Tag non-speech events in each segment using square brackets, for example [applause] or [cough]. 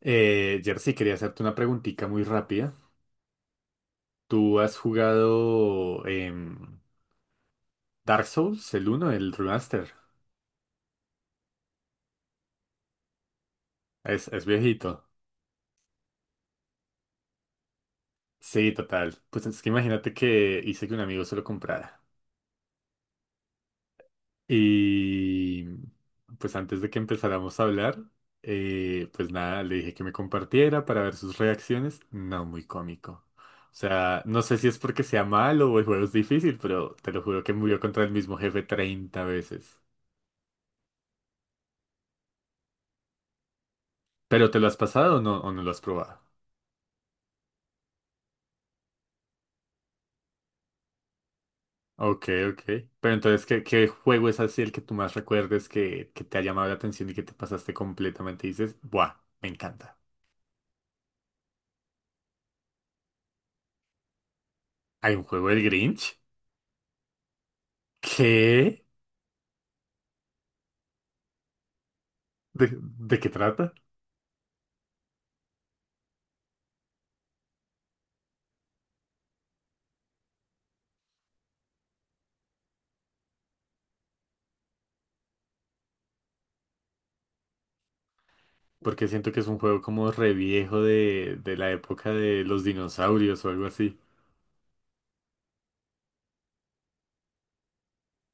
Jersey, quería hacerte una preguntita muy rápida. ¿Tú has jugado Dark Souls, el uno, el remaster? Es viejito. Sí, total. Pues es que imagínate que hice que un amigo se lo comprara. Y pues antes de que empezáramos a hablar, pues nada, le dije que me compartiera para ver sus reacciones. No, muy cómico. O sea, no sé si es porque sea malo o el juego es difícil, pero te lo juro que murió contra el mismo jefe 30 veces. ¿Pero te lo has pasado o no lo has probado? Ok, ok. Pero entonces, ¿qué juego es así el que tú más recuerdes que te ha llamado la atención y que te pasaste completamente? Y dices, ¡buah! Me encanta. ¿Hay un juego del Grinch? ¿Qué? ¿De qué trata? Porque siento que es un juego como re viejo de la época de los dinosaurios o algo así.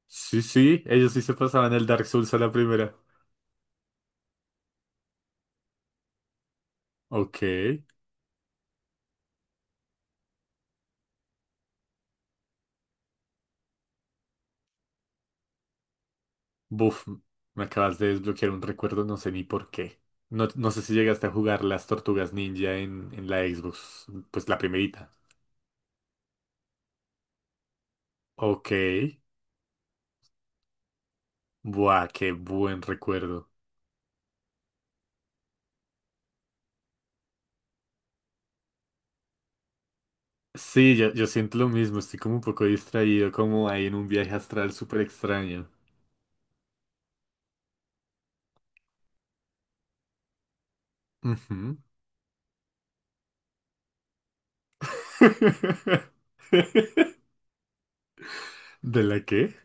Sí, sí, ellos sí se pasaban el Dark Souls a la primera. Ok. Buf, me acabas de desbloquear un recuerdo, no sé ni por qué. No, no sé si llegaste a jugar las Tortugas Ninja en la Xbox, pues la primerita. Ok, buah, qué buen recuerdo. Sí, yo siento lo mismo, estoy como un poco distraído, como ahí en un viaje astral súper extraño. Ujú. [laughs] ¿De la qué?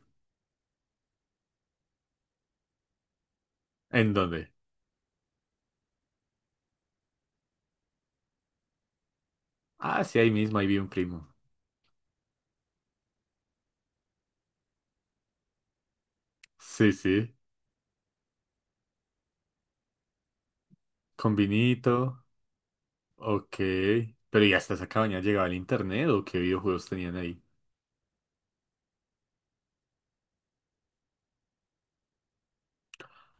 ¿En dónde? Ah, sí, ahí mismo, ahí vi un primo. Sí, sí, con vinito. Ok. Pero ¿y hasta esa cabaña llegaba el internet o qué videojuegos tenían ahí?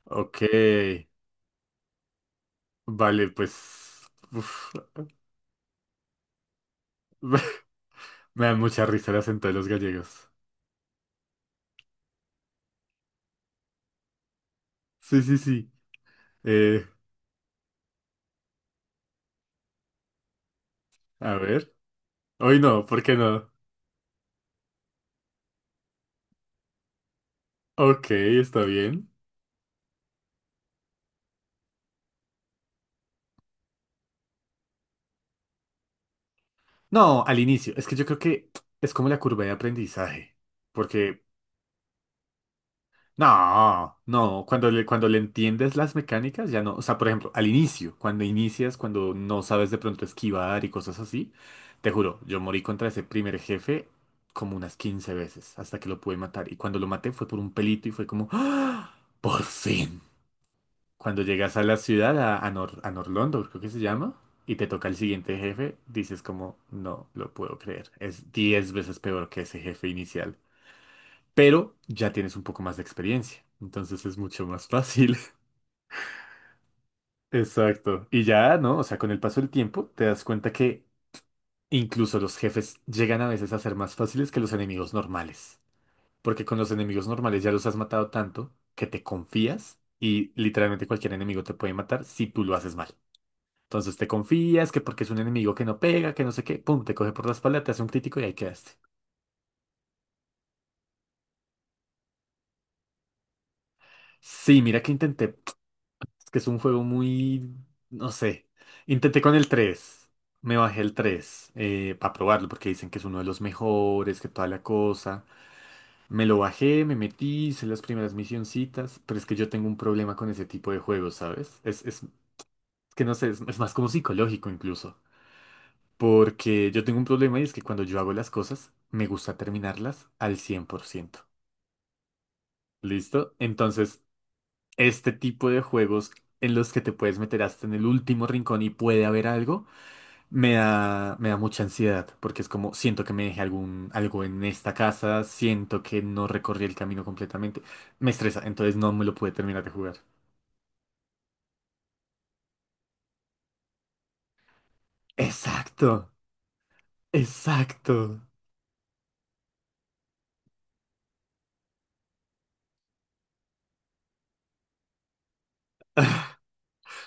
Ok. Vale, pues. Uf. [laughs] Me dan mucha risa el acento de los gallegos. Sí, sí, sí. Eh, a ver. Hoy no, ¿por qué no? Ok, está bien. No, al inicio. Es que yo creo que es como la curva de aprendizaje. Porque no, no, cuando le entiendes las mecánicas ya no, o sea, por ejemplo, al inicio, cuando inicias, cuando no sabes de pronto esquivar y cosas así, te juro, yo morí contra ese primer jefe como unas 15 veces hasta que lo pude matar y cuando lo maté fue por un pelito y fue como, ¡Ah! ¡Por fin! Cuando llegas a la ciudad, a, Nor- a Norlondo, creo que se llama, y te toca el siguiente jefe, dices como, no lo puedo creer, es 10 veces peor que ese jefe inicial, pero ya tienes un poco más de experiencia, entonces es mucho más fácil. [laughs] Exacto. Y ya, ¿no? O sea, con el paso del tiempo te das cuenta que incluso los jefes llegan a veces a ser más fáciles que los enemigos normales, porque con los enemigos normales ya los has matado tanto que te confías y literalmente cualquier enemigo te puede matar si tú lo haces mal. Entonces te confías que porque es un enemigo que no pega, que no sé qué, pum, te coge por la espalda, te hace un crítico y ahí quedaste. Sí, mira que intenté. Es que es un juego muy, no sé. Intenté con el tres. Me bajé el 3 para probarlo porque dicen que es uno de los mejores, que toda la cosa. Me lo bajé, me metí, hice las primeras misioncitas, pero es que yo tengo un problema con ese tipo de juegos, ¿sabes? Es que no sé, es más como psicológico incluso. Porque yo tengo un problema y es que cuando yo hago las cosas, me gusta terminarlas al 100%. ¿Listo? Entonces, este tipo de juegos en los que te puedes meter hasta en el último rincón y puede haber algo. Me da mucha ansiedad porque es como siento que me dejé algún, algo en esta casa, siento que no recorrí el camino completamente. Me estresa, entonces no me lo pude terminar de jugar. Exacto, exacto.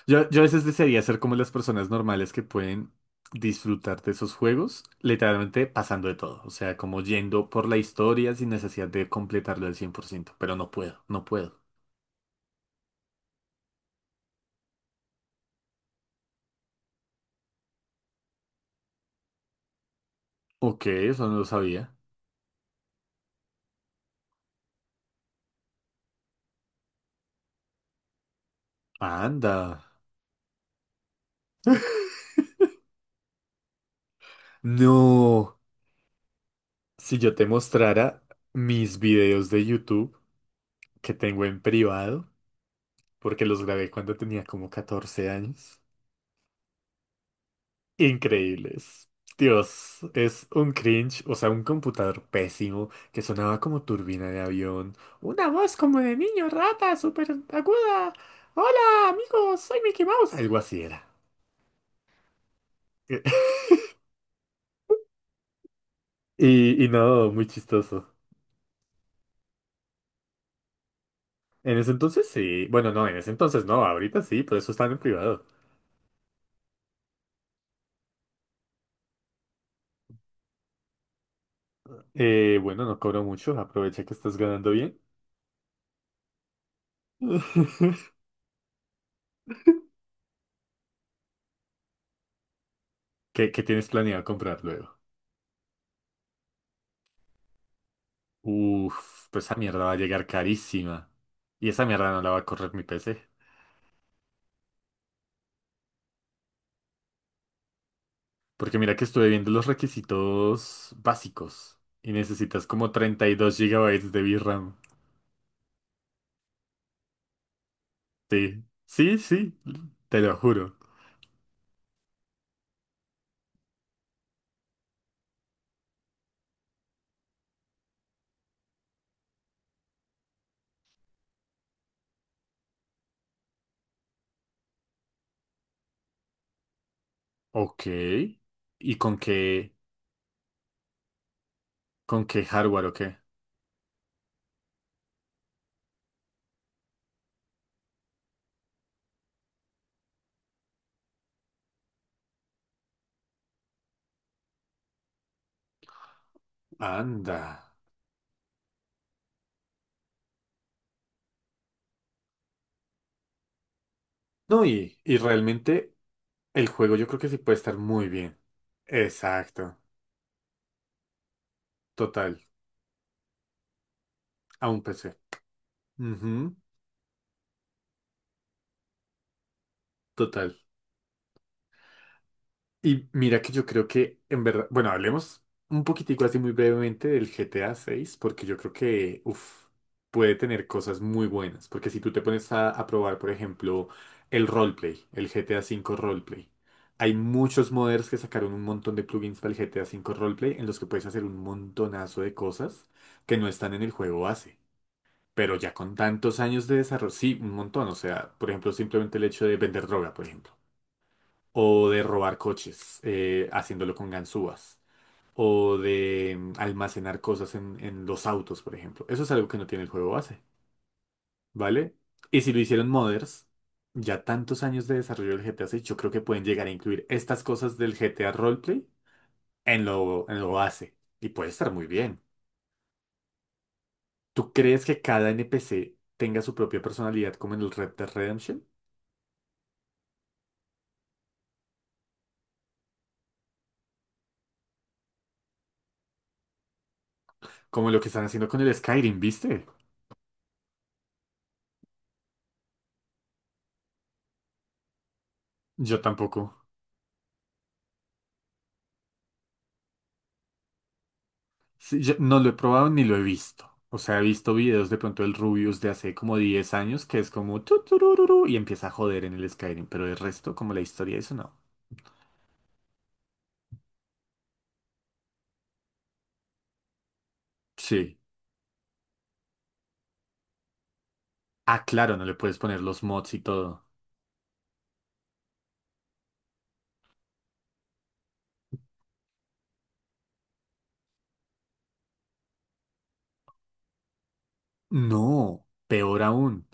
Yo a veces desearía ser como las personas normales que pueden disfrutar de esos juegos, literalmente pasando de todo. O sea, como yendo por la historia sin necesidad de completarlo al 100%, pero no puedo, no puedo. Ok, eso no lo sabía. Anda. No. Si yo te mostrara mis videos de YouTube que tengo en privado, porque los grabé cuando tenía como 14 años, increíbles. Dios, es un cringe, o sea, un computador pésimo que sonaba como turbina de avión, una voz como de niño rata, súper aguda. Hola, amigos, soy Mickey Mouse. Algo así era. [laughs] Y no, muy chistoso. En ese entonces sí, bueno, no, en ese entonces no, ahorita sí, por eso están en privado. Bueno, no cobro mucho, aprovecha que estás ganando bien. [laughs] ¿Qué tienes planeado comprar luego? Uf, pues esa mierda va a llegar carísima. Y esa mierda no la va a correr mi PC. Porque mira que estuve viendo los requisitos básicos. Y necesitas como 32 gigabytes de VRAM. Sí, sí, sí, te lo juro. Ok. ¿Y con qué hardware o qué? Anda. No, y realmente el juego yo creo que sí puede estar muy bien. Exacto. Total, a un PC. Ujú, total. Y mira que yo creo que en verdad, bueno, hablemos un poquitico así muy brevemente del GTA 6, porque yo creo que, uf, puede tener cosas muy buenas, porque si tú te pones a probar, por ejemplo, el roleplay, el GTA 5 roleplay, hay muchos modders que sacaron un montón de plugins para el GTA 5 roleplay en los que puedes hacer un montonazo de cosas que no están en el juego base. Pero ya con tantos años de desarrollo, sí, un montón. O sea, por ejemplo, simplemente el hecho de vender droga, por ejemplo. O de robar coches, haciéndolo con ganzúas. O de almacenar cosas en los autos, por ejemplo. Eso es algo que no tiene el juego base, ¿vale? Y si lo hicieron modders, ya tantos años de desarrollo del GTA 6, yo creo que pueden llegar a incluir estas cosas del GTA Roleplay en lo base. Y puede estar muy bien. ¿Tú crees que cada NPC tenga su propia personalidad como en el Red Dead Redemption? Como lo que están haciendo con el Skyrim, ¿viste? Yo tampoco. Sí, yo no lo he probado ni lo he visto. O sea, he visto videos de pronto del Rubius de hace como 10 años que es como tu, turururu, y empieza a joder en el Skyrim, pero el resto, como la historia, eso no. Sí. Ah, claro, no le puedes poner los mods y todo. No, peor aún,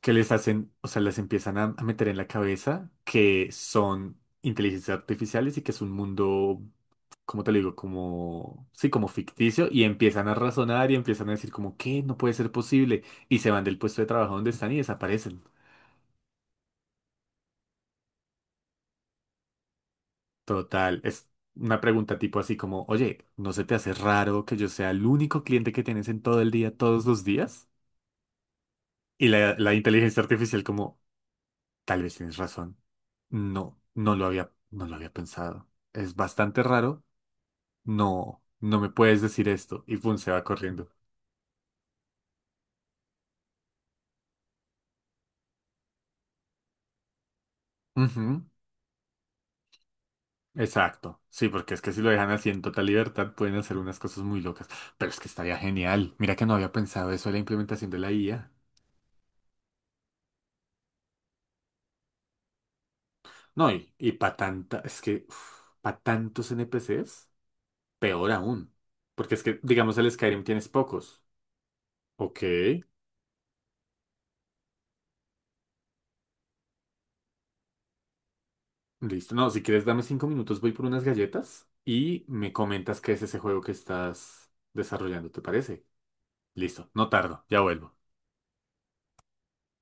que les hacen, o sea, les empiezan a meter en la cabeza que son inteligencias artificiales y que es un mundo, ¿como te lo digo? Como, sí, como ficticio, y empiezan a razonar y empiezan a decir como, ¿qué? No puede ser posible. Y se van del puesto de trabajo donde están y desaparecen. Total, es una pregunta tipo así como, oye, ¿no se te hace raro que yo sea el único cliente que tienes en todo el día, todos los días? Y la inteligencia artificial como, tal vez tienes razón. No, no lo había pensado. Es bastante raro. No, no me puedes decir esto. Y pum, se va corriendo. Ujú. Exacto, sí, porque es que si lo dejan así en total libertad pueden hacer unas cosas muy locas, pero es que estaría genial. Mira que no había pensado eso de la implementación de la IA. No, y para tanta, es que para tantos NPCs, peor aún, porque es que, digamos, el Skyrim tienes pocos. Ok, listo. No, si quieres dame 5 minutos, voy por unas galletas y me comentas qué es ese juego que estás desarrollando, ¿te parece? Listo, no tardo, ya vuelvo.